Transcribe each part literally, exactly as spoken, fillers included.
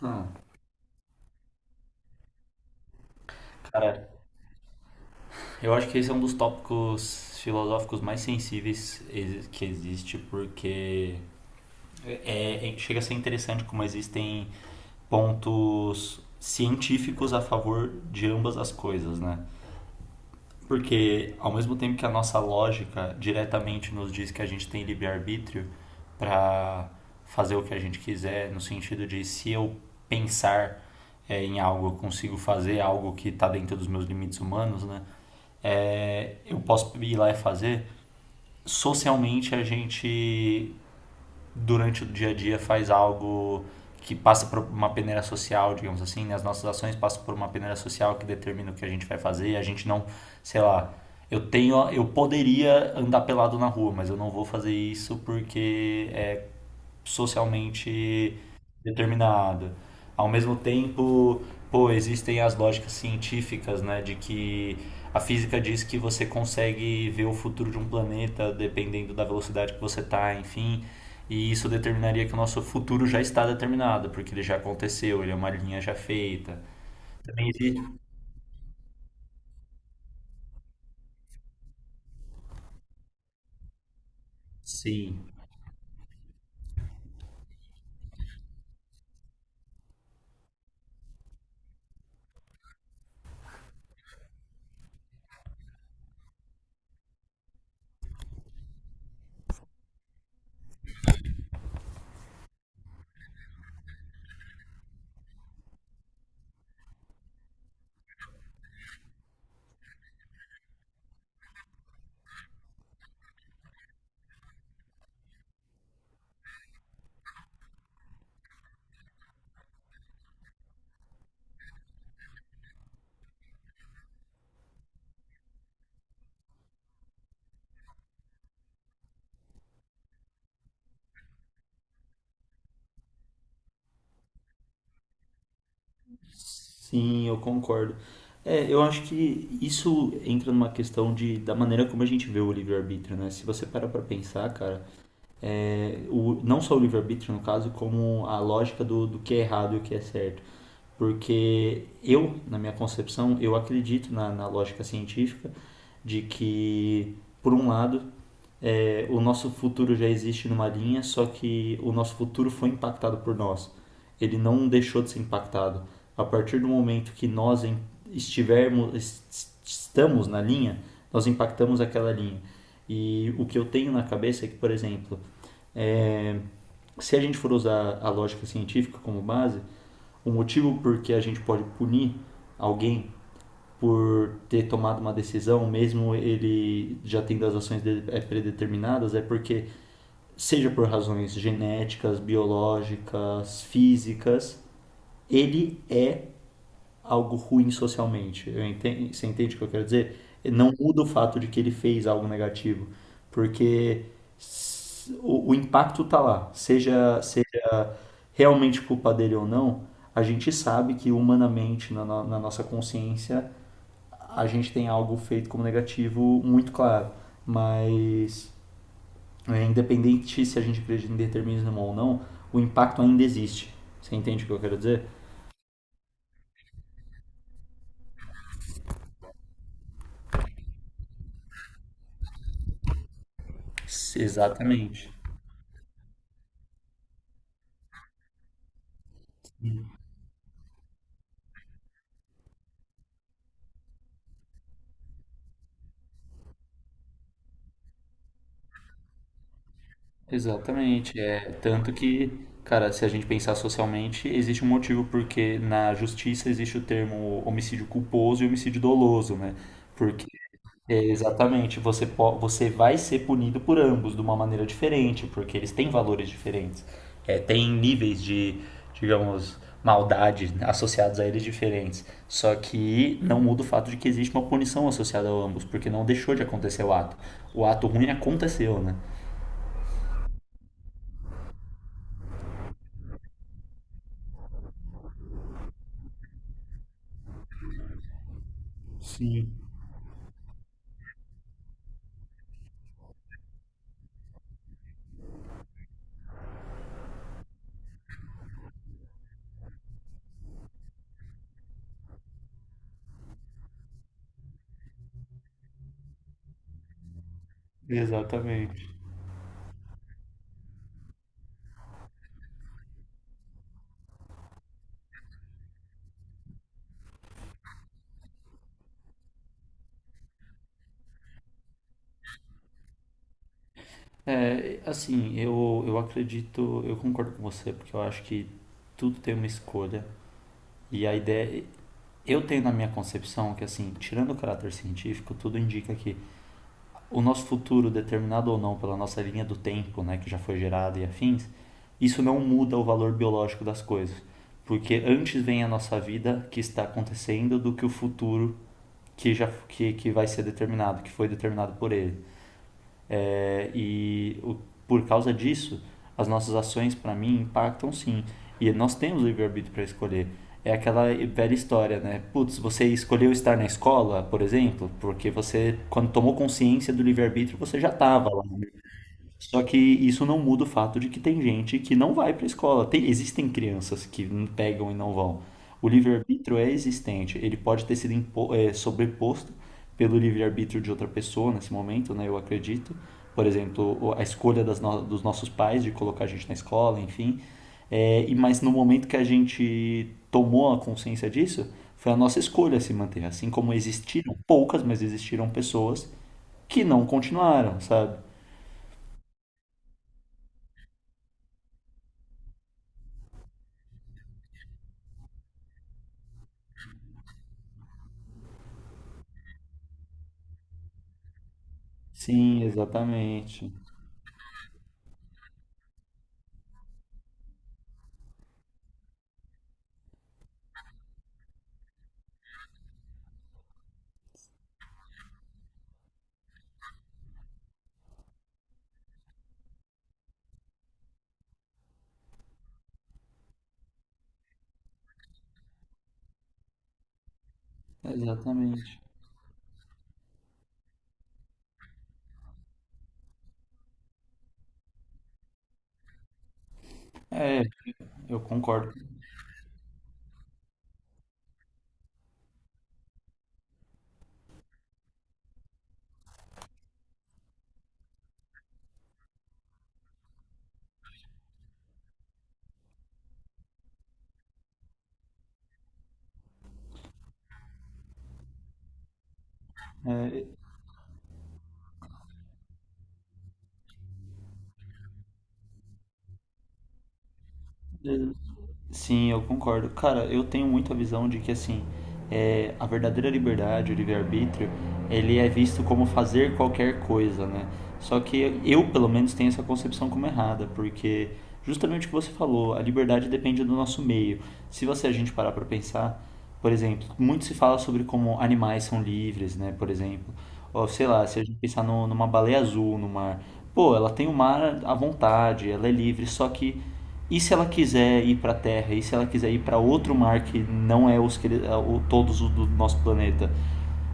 Não, cara, eu acho que esse é um dos tópicos filosóficos mais sensíveis exi- que existe, porque é, é- é, chega a ser interessante como existem pontos científicos a favor de ambas as coisas, né? Porque, ao mesmo tempo que a nossa lógica diretamente nos diz que a gente tem livre-arbítrio para fazer o que a gente quiser, no sentido de se eu pensar é, em algo, eu consigo fazer algo que está dentro dos meus limites humanos, né? É, eu posso ir lá e fazer. Socialmente, a gente durante o dia a dia faz algo que passa por uma peneira social, digamos assim, né? As nossas ações passam por uma peneira social que determina o que a gente vai fazer, e a gente não, sei lá, eu tenho, eu poderia andar pelado na rua, mas eu não vou fazer isso porque é socialmente determinada. Ao mesmo tempo, pô, existem as lógicas científicas, né, de que a física diz que você consegue ver o futuro de um planeta dependendo da velocidade que você está, enfim, e isso determinaria que o nosso futuro já está determinado, porque ele já aconteceu, ele é uma linha já feita. Também existe, sim. Sim, eu concordo. É, eu acho que isso entra numa questão de, da maneira como a gente vê o livre-arbítrio, né? Se você parar pra pensar, cara, é, o, não só o livre-arbítrio, no caso, como a lógica do, do que é errado e o que é certo. Porque eu, na minha concepção, eu acredito na, na lógica científica de que, por um lado, é, o nosso futuro já existe numa linha, só que o nosso futuro foi impactado por nós. Ele não deixou de ser impactado. A partir do momento que nós estivermos, est estamos na linha, nós impactamos aquela linha. E o que eu tenho na cabeça é que, por exemplo, é, se a gente for usar a lógica científica como base, o motivo por que a gente pode punir alguém por ter tomado uma decisão, mesmo ele já tendo as ações dele é, predeterminadas, é porque, seja por razões genéticas, biológicas, físicas, ele é algo ruim socialmente. Eu enten- você entende o que eu quero dizer? Não muda o fato de que ele fez algo negativo, porque s- o, o impacto tá lá, seja, seja realmente culpa dele ou não, a gente sabe que humanamente, na, no- na nossa consciência, a gente tem algo feito como negativo muito claro, mas é, independente se a gente acredita em determinismo ou não, o impacto ainda existe. Você entende o que eu quero dizer? S- Exatamente. Exatamente, é tanto que, cara, se a gente pensar socialmente, existe um motivo porque na justiça existe o termo homicídio culposo e homicídio doloso, né? Porque é, exatamente, você po- você vai ser punido por ambos de uma maneira diferente, porque eles têm valores diferentes. É, tem níveis de, digamos, maldade associados a eles diferentes. Só que não muda o fato de que existe uma punição associada a ambos, porque não deixou de acontecer o ato. O ato ruim aconteceu, né? Sim. Exatamente. É, assim, eu, eu acredito, eu concordo com você, porque eu acho que tudo tem uma escolha. E a ideia. Eu tenho na minha concepção que, assim, tirando o caráter científico, tudo indica que o nosso futuro, determinado ou não pela nossa linha do tempo, né, que já foi gerada e afins, isso não muda o valor biológico das coisas. Porque antes vem a nossa vida que está acontecendo do que o futuro que já que, que vai ser determinado, que foi determinado por ele. É, e o- por causa disso, as nossas ações, para mim, impactam sim. E nós temos livre-arbítrio para escolher. É aquela velha história, né? Putz, você escolheu estar na escola, por exemplo, porque você, quando tomou consciência do livre-arbítrio, você já estava lá, né? Só que isso não muda o fato de que tem gente que não vai para a escola. Tem- existem crianças que não pegam e não vão. O livre-arbítrio é existente. Ele pode ter sido impo- eh, sobreposto pelo livre-arbítrio de outra pessoa nesse momento, né? Eu acredito. Por exemplo, o- a escolha das no- dos nossos pais de colocar a gente na escola, enfim. É, e mas no momento que a gente tomou a consciência disso, foi a nossa escolha se manter. Assim como existiram poucas, mas existiram pessoas que não continuaram, sabe? Sim, exatamente. Exatamente. É, eu concordo. Sim, eu concordo. Cara, eu tenho muito a visão de que assim, é, a verdadeira liberdade, o livre-arbítrio, ele é visto como fazer qualquer coisa, né? Só que eu, pelo menos, tenho essa concepção como errada, porque justamente o que você falou, a liberdade depende do nosso meio. Se você a gente parar para pensar, por exemplo, muito se fala sobre como animais são livres, né? Por exemplo, ou sei lá, se a gente pensar no- numa baleia azul no mar, pô, ela tem o mar à vontade, ela é livre, só que e se ela quiser ir para a Terra? E se ela quiser ir para outro mar que não é os que o- todos os do nosso planeta?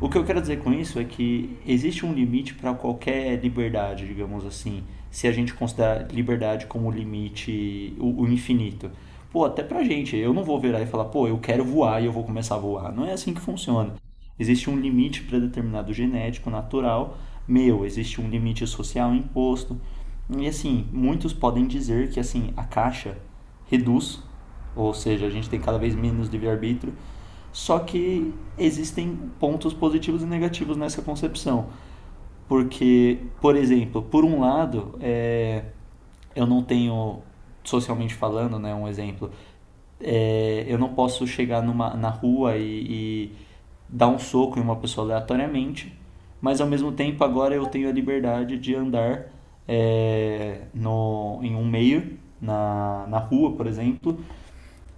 O que eu quero dizer com isso é que existe um limite para qualquer liberdade, digamos assim, se a gente considerar liberdade como limite, o, o infinito. Pô, até pra gente, eu não vou virar e falar, pô, eu quero voar e eu vou começar a voar. Não é assim que funciona. Existe um limite determinado genético, natural, meu, existe um limite social imposto. E assim, muitos podem dizer que assim, a caixa reduz, ou seja, a gente tem cada vez menos livre-arbítrio, só que existem pontos positivos e negativos nessa concepção. Porque, por exemplo, por um lado, é, eu não tenho, socialmente falando, né, um exemplo, é, eu não posso chegar numa, na rua e, e dar um soco em uma pessoa aleatoriamente, mas ao mesmo tempo agora eu tenho a liberdade de andar é, no, em um meio, na, na rua, por exemplo,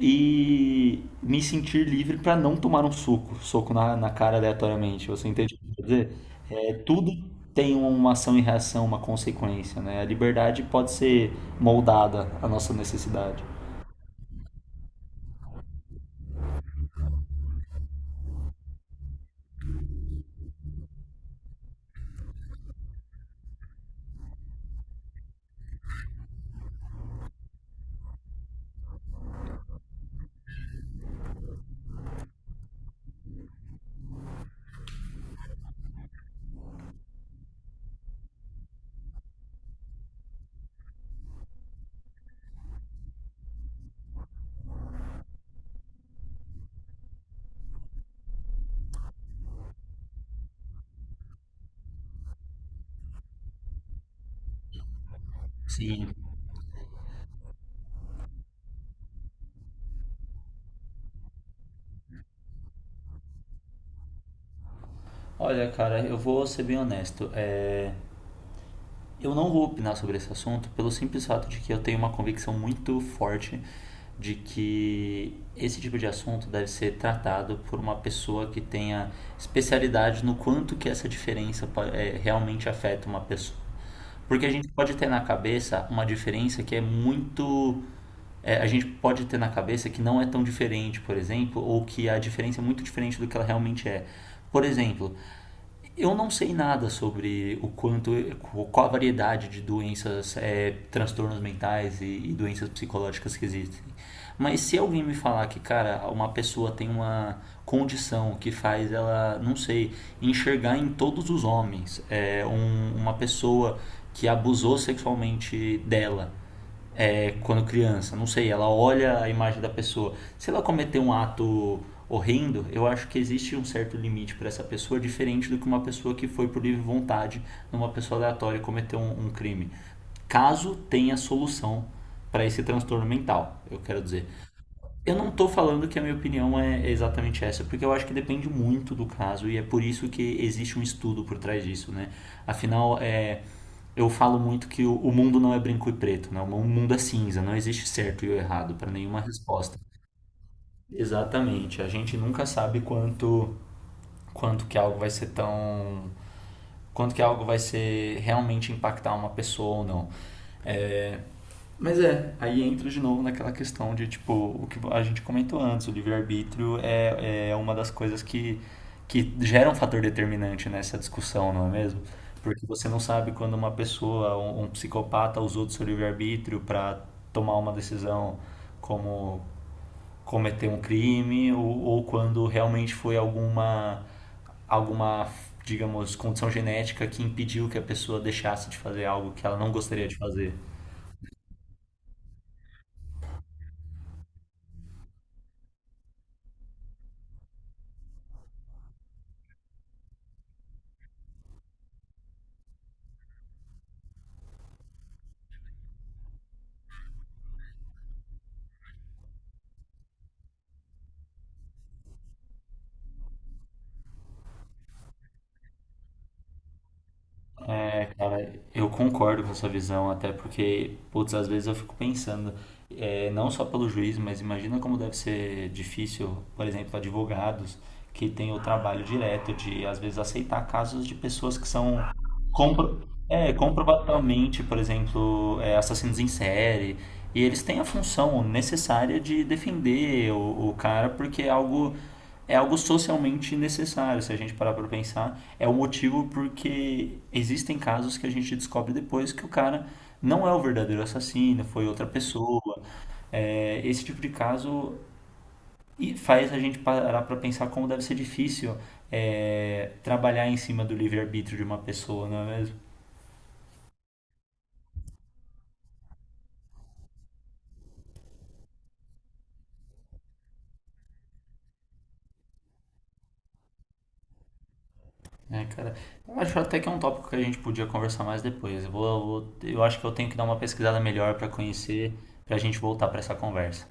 e me sentir livre para não tomar um soco, soco na, na cara aleatoriamente. Você entende o que eu quero dizer? É, tudo tem uma ação e reação, uma consequência, né? A liberdade pode ser moldada à nossa necessidade. Sim. Olha, cara, eu vou ser bem honesto. Eu não vou opinar sobre esse assunto pelo simples fato de que eu tenho uma convicção muito forte de que esse tipo de assunto deve ser tratado por uma pessoa que tenha especialidade no quanto que essa diferença é, realmente afeta uma pessoa. Porque a gente pode ter na cabeça uma diferença que é muito. É, a gente pode ter na cabeça que não é tão diferente, por exemplo, ou que a diferença é muito diferente do que ela realmente é. Por exemplo, eu não sei nada sobre o quanto, qual a variedade de doenças, é, transtornos mentais e, e doenças psicológicas que existem. Mas se alguém me falar que, cara, uma pessoa tem uma condição que faz ela, não sei, enxergar em todos os homens, é, um- uma pessoa que abusou sexualmente dela, é, quando criança, não sei, ela olha a imagem da pessoa. Se ela cometer um ato horrendo, eu acho que existe um certo limite para essa pessoa, diferente do que uma pessoa que foi por livre vontade numa pessoa aleatória cometer um, um crime. Caso tenha solução para esse transtorno mental, eu quero dizer. Eu não estou falando que a minha opinião é exatamente essa, porque eu acho que depende muito do caso e é por isso que existe um estudo por trás disso, né? Afinal, é, eu falo muito que o, o mundo não é branco e preto, né? O mundo é cinza, não existe certo e o errado para nenhuma resposta. Exatamente. A gente nunca sabe quanto quanto que algo vai ser tão, quanto que algo vai ser realmente impactar uma pessoa ou não. Mas é, aí entra de novo naquela questão de, tipo, o que a gente comentou antes, o livre-arbítrio é, é uma das coisas que, que gera um fator determinante nessa discussão, não é mesmo? Porque você não sabe quando uma pessoa, um, um psicopata, usou do seu livre-arbítrio para tomar uma decisão como cometer um crime ou, ou quando realmente foi alguma, alguma, digamos, condição genética que impediu que a pessoa deixasse de fazer algo que ela não gostaria de fazer. É, cara, eu concordo com essa visão, até porque, putz, às vezes eu fico pensando, é, não só pelo juiz, mas imagina como deve ser difícil, por exemplo, advogados que têm o trabalho direto de, às vezes, aceitar casos de pessoas que são compro, é, comprovadamente, por exemplo, é, assassinos em série, e eles têm a função necessária de defender o, o cara porque é algo, é algo socialmente necessário, se a gente parar para pensar. É o motivo porque existem casos que a gente descobre depois que o cara não é o verdadeiro assassino, foi outra pessoa. É, esse tipo de caso e faz a gente parar para pensar como deve ser difícil é, trabalhar em cima do livre-arbítrio de uma pessoa, não é mesmo? É, cara, eu acho até que é um tópico que a gente podia conversar mais depois. Eu vou, eu vou- eu acho que eu tenho que dar uma pesquisada melhor para conhecer, para a gente voltar para essa conversa.